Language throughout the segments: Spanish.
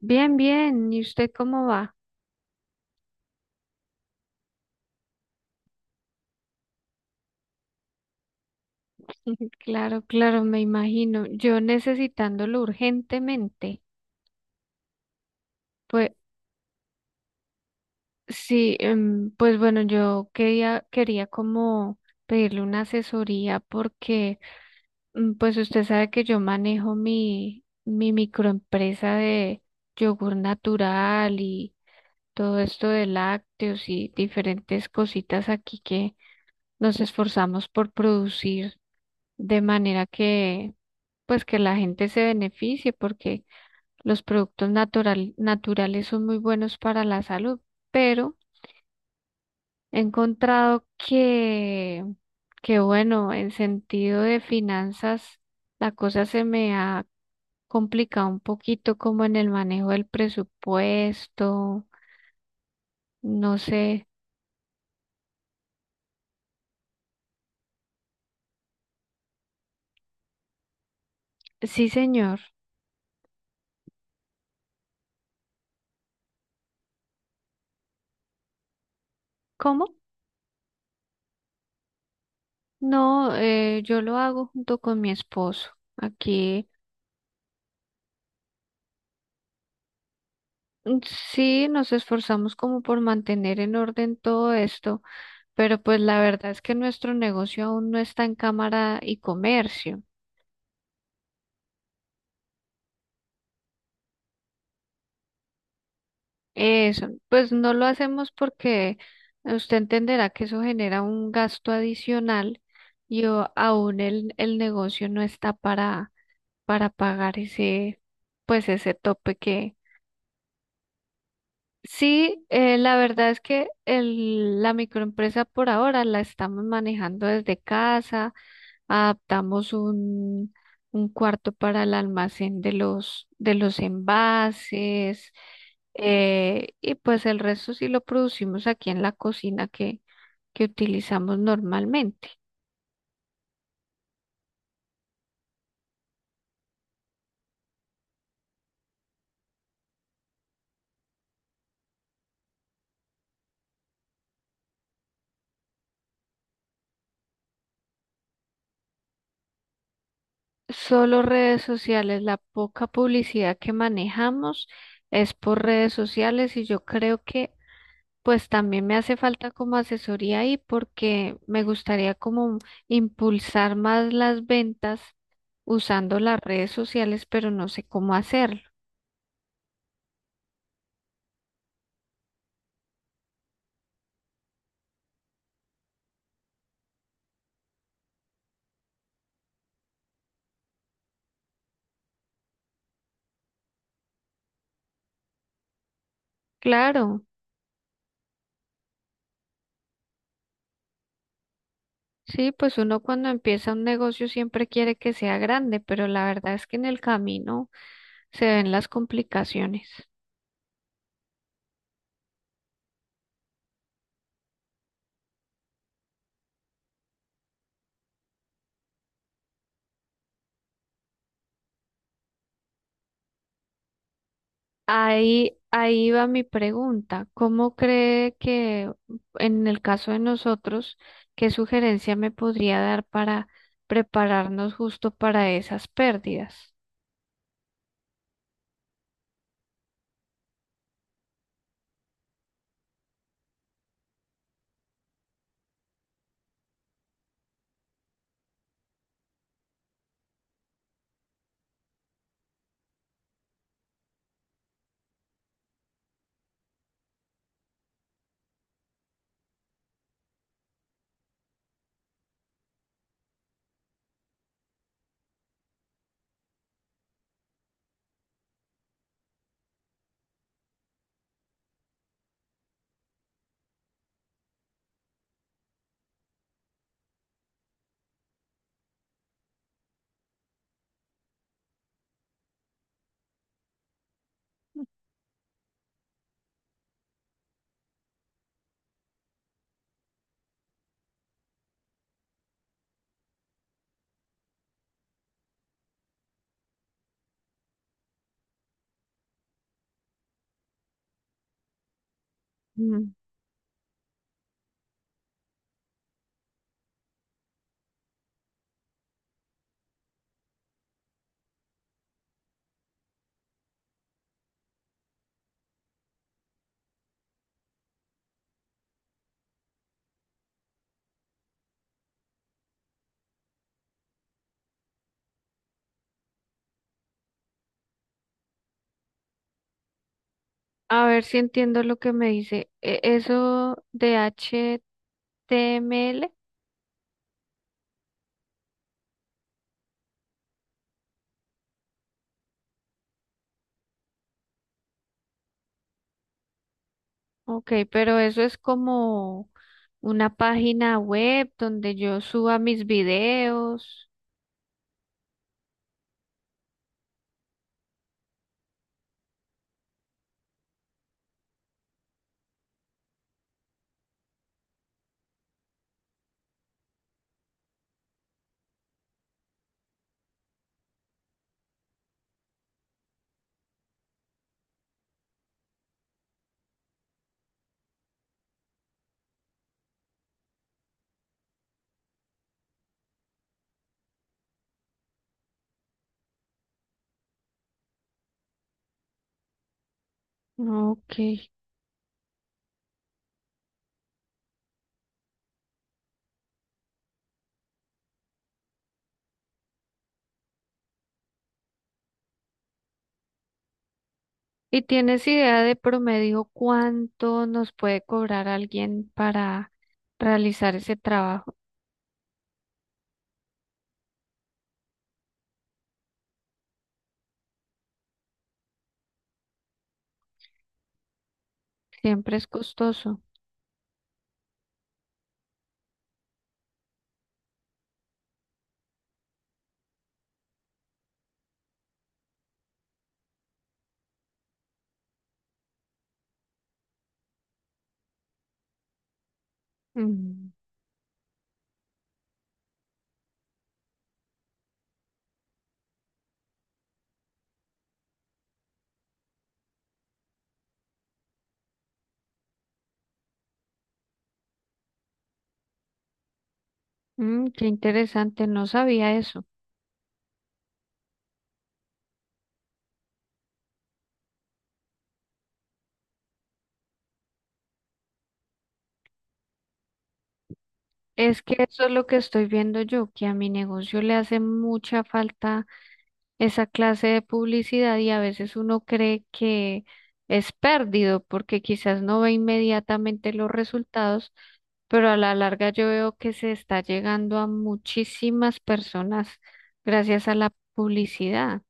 Bien, bien. ¿Y usted cómo va? Claro, claro, me imagino. Yo necesitándolo urgentemente. Pues sí, pues bueno, yo quería como pedirle una asesoría porque pues usted sabe que yo manejo mi microempresa de yogur natural y todo esto de lácteos y diferentes cositas aquí que nos esforzamos por producir de manera que pues que la gente se beneficie porque los productos naturales son muy buenos para la salud, pero he encontrado que bueno, en sentido de finanzas, la cosa se me ha complicado un poquito como en el manejo del presupuesto, no sé. Sí, señor. ¿Cómo? No, yo lo hago junto con mi esposo. Aquí. Mm. Sí, nos esforzamos como por mantener en orden todo esto, pero pues la verdad es que nuestro negocio aún no está en cámara y comercio. Eso, pues no lo hacemos porque usted entenderá que eso genera un gasto adicional aún el negocio no está para pagar ese, pues ese tope. Sí, la verdad es que la microempresa por ahora la estamos manejando desde casa, adaptamos un cuarto para el almacén de de los envases. Eh, y pues el resto sí lo producimos aquí en la cocina que utilizamos normalmente. Solo redes sociales, la poca publicidad que manejamos es por redes sociales y yo creo que pues también me hace falta como asesoría ahí porque me gustaría como impulsar más las ventas usando las redes sociales, pero no sé cómo hacerlo. Claro, sí, pues uno cuando empieza un negocio siempre quiere que sea grande, pero la verdad es que en el camino se ven las complicaciones. Ahí, ahí va mi pregunta. ¿Cómo cree que en el caso de nosotros, qué sugerencia me podría dar para prepararnos justo para esas pérdidas? Mm. A ver si entiendo lo que me dice. Eso de HTML, ok, pero eso es como una página web donde yo suba mis videos. Ok. ¿Y tienes idea de promedio cuánto nos puede cobrar alguien para realizar ese trabajo? Siempre es costoso. Mm, mm, qué interesante, no sabía eso. Es que eso es lo que estoy viendo yo, que a mi negocio le hace mucha falta esa clase de publicidad, y a veces uno cree que es perdido porque quizás no ve inmediatamente los resultados, pero a la larga yo veo que se está llegando a muchísimas personas gracias a la publicidad.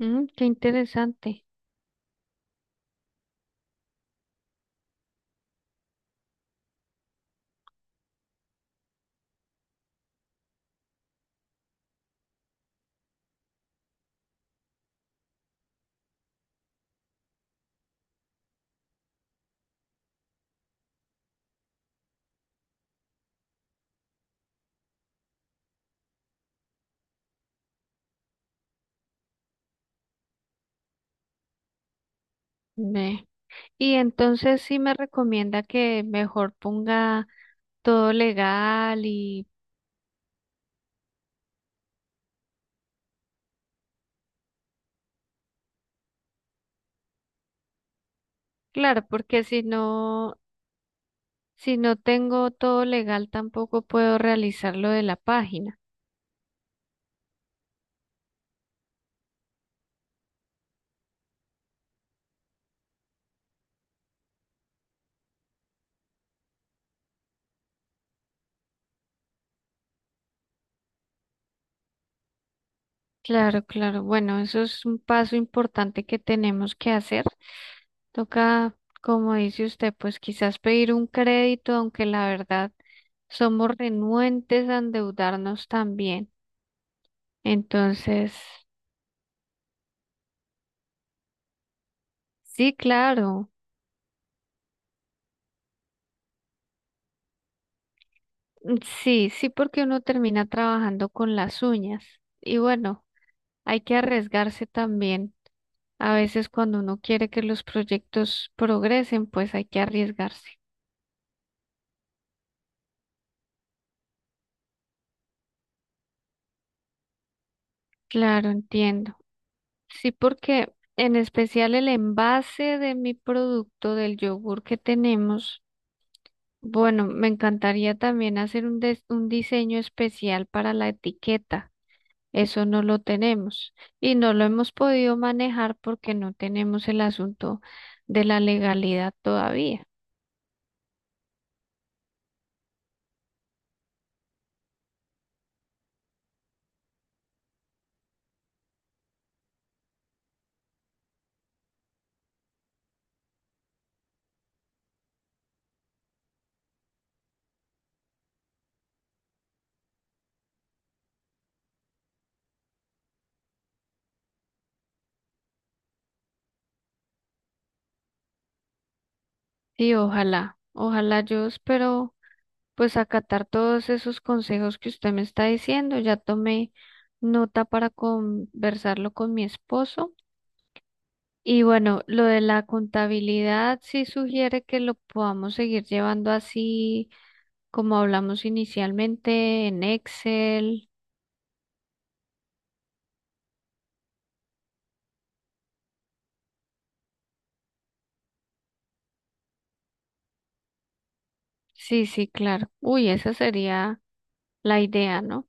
Mm, qué interesante. Ve. Y entonces sí me recomienda que mejor ponga todo legal y claro, porque si no, si no tengo todo legal tampoco puedo realizar lo de la página. Claro, claro. Bueno, eso es un paso importante que tenemos que hacer. Toca, como dice usted, pues quizás pedir un crédito, aunque la verdad somos renuentes a endeudarnos también. Entonces, sí, claro. Mm. Sí, sí, porque uno termina trabajando con las uñas. Y bueno, hay que arriesgarse también. A veces cuando uno quiere que los proyectos progresen, pues hay que arriesgarse. Claro, entiendo. Sí, porque en especial el envase de mi producto, del yogur que tenemos, bueno, me encantaría también hacer un, un diseño especial para la etiqueta. Eso no lo tenemos y no lo hemos podido manejar porque no tenemos el asunto de la legalidad todavía. Sí, ojalá, ojalá yo espero pues acatar todos esos consejos que usted me está diciendo. Ya tomé nota para conversarlo con mi esposo. Y bueno, lo de la contabilidad sí sugiere que lo podamos seguir llevando así como hablamos inicialmente en Excel. Sí, sí, claro. Uy, esa sería la idea, ¿no?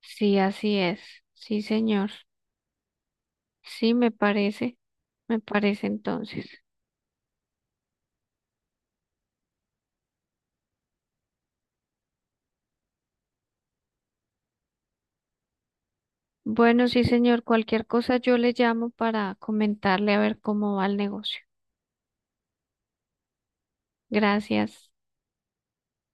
Sí, así es. Sí, señor. Sí, me parece. Me parece entonces. Bueno, sí, señor. Cualquier cosa yo le llamo para comentarle a ver cómo va el negocio. Gracias.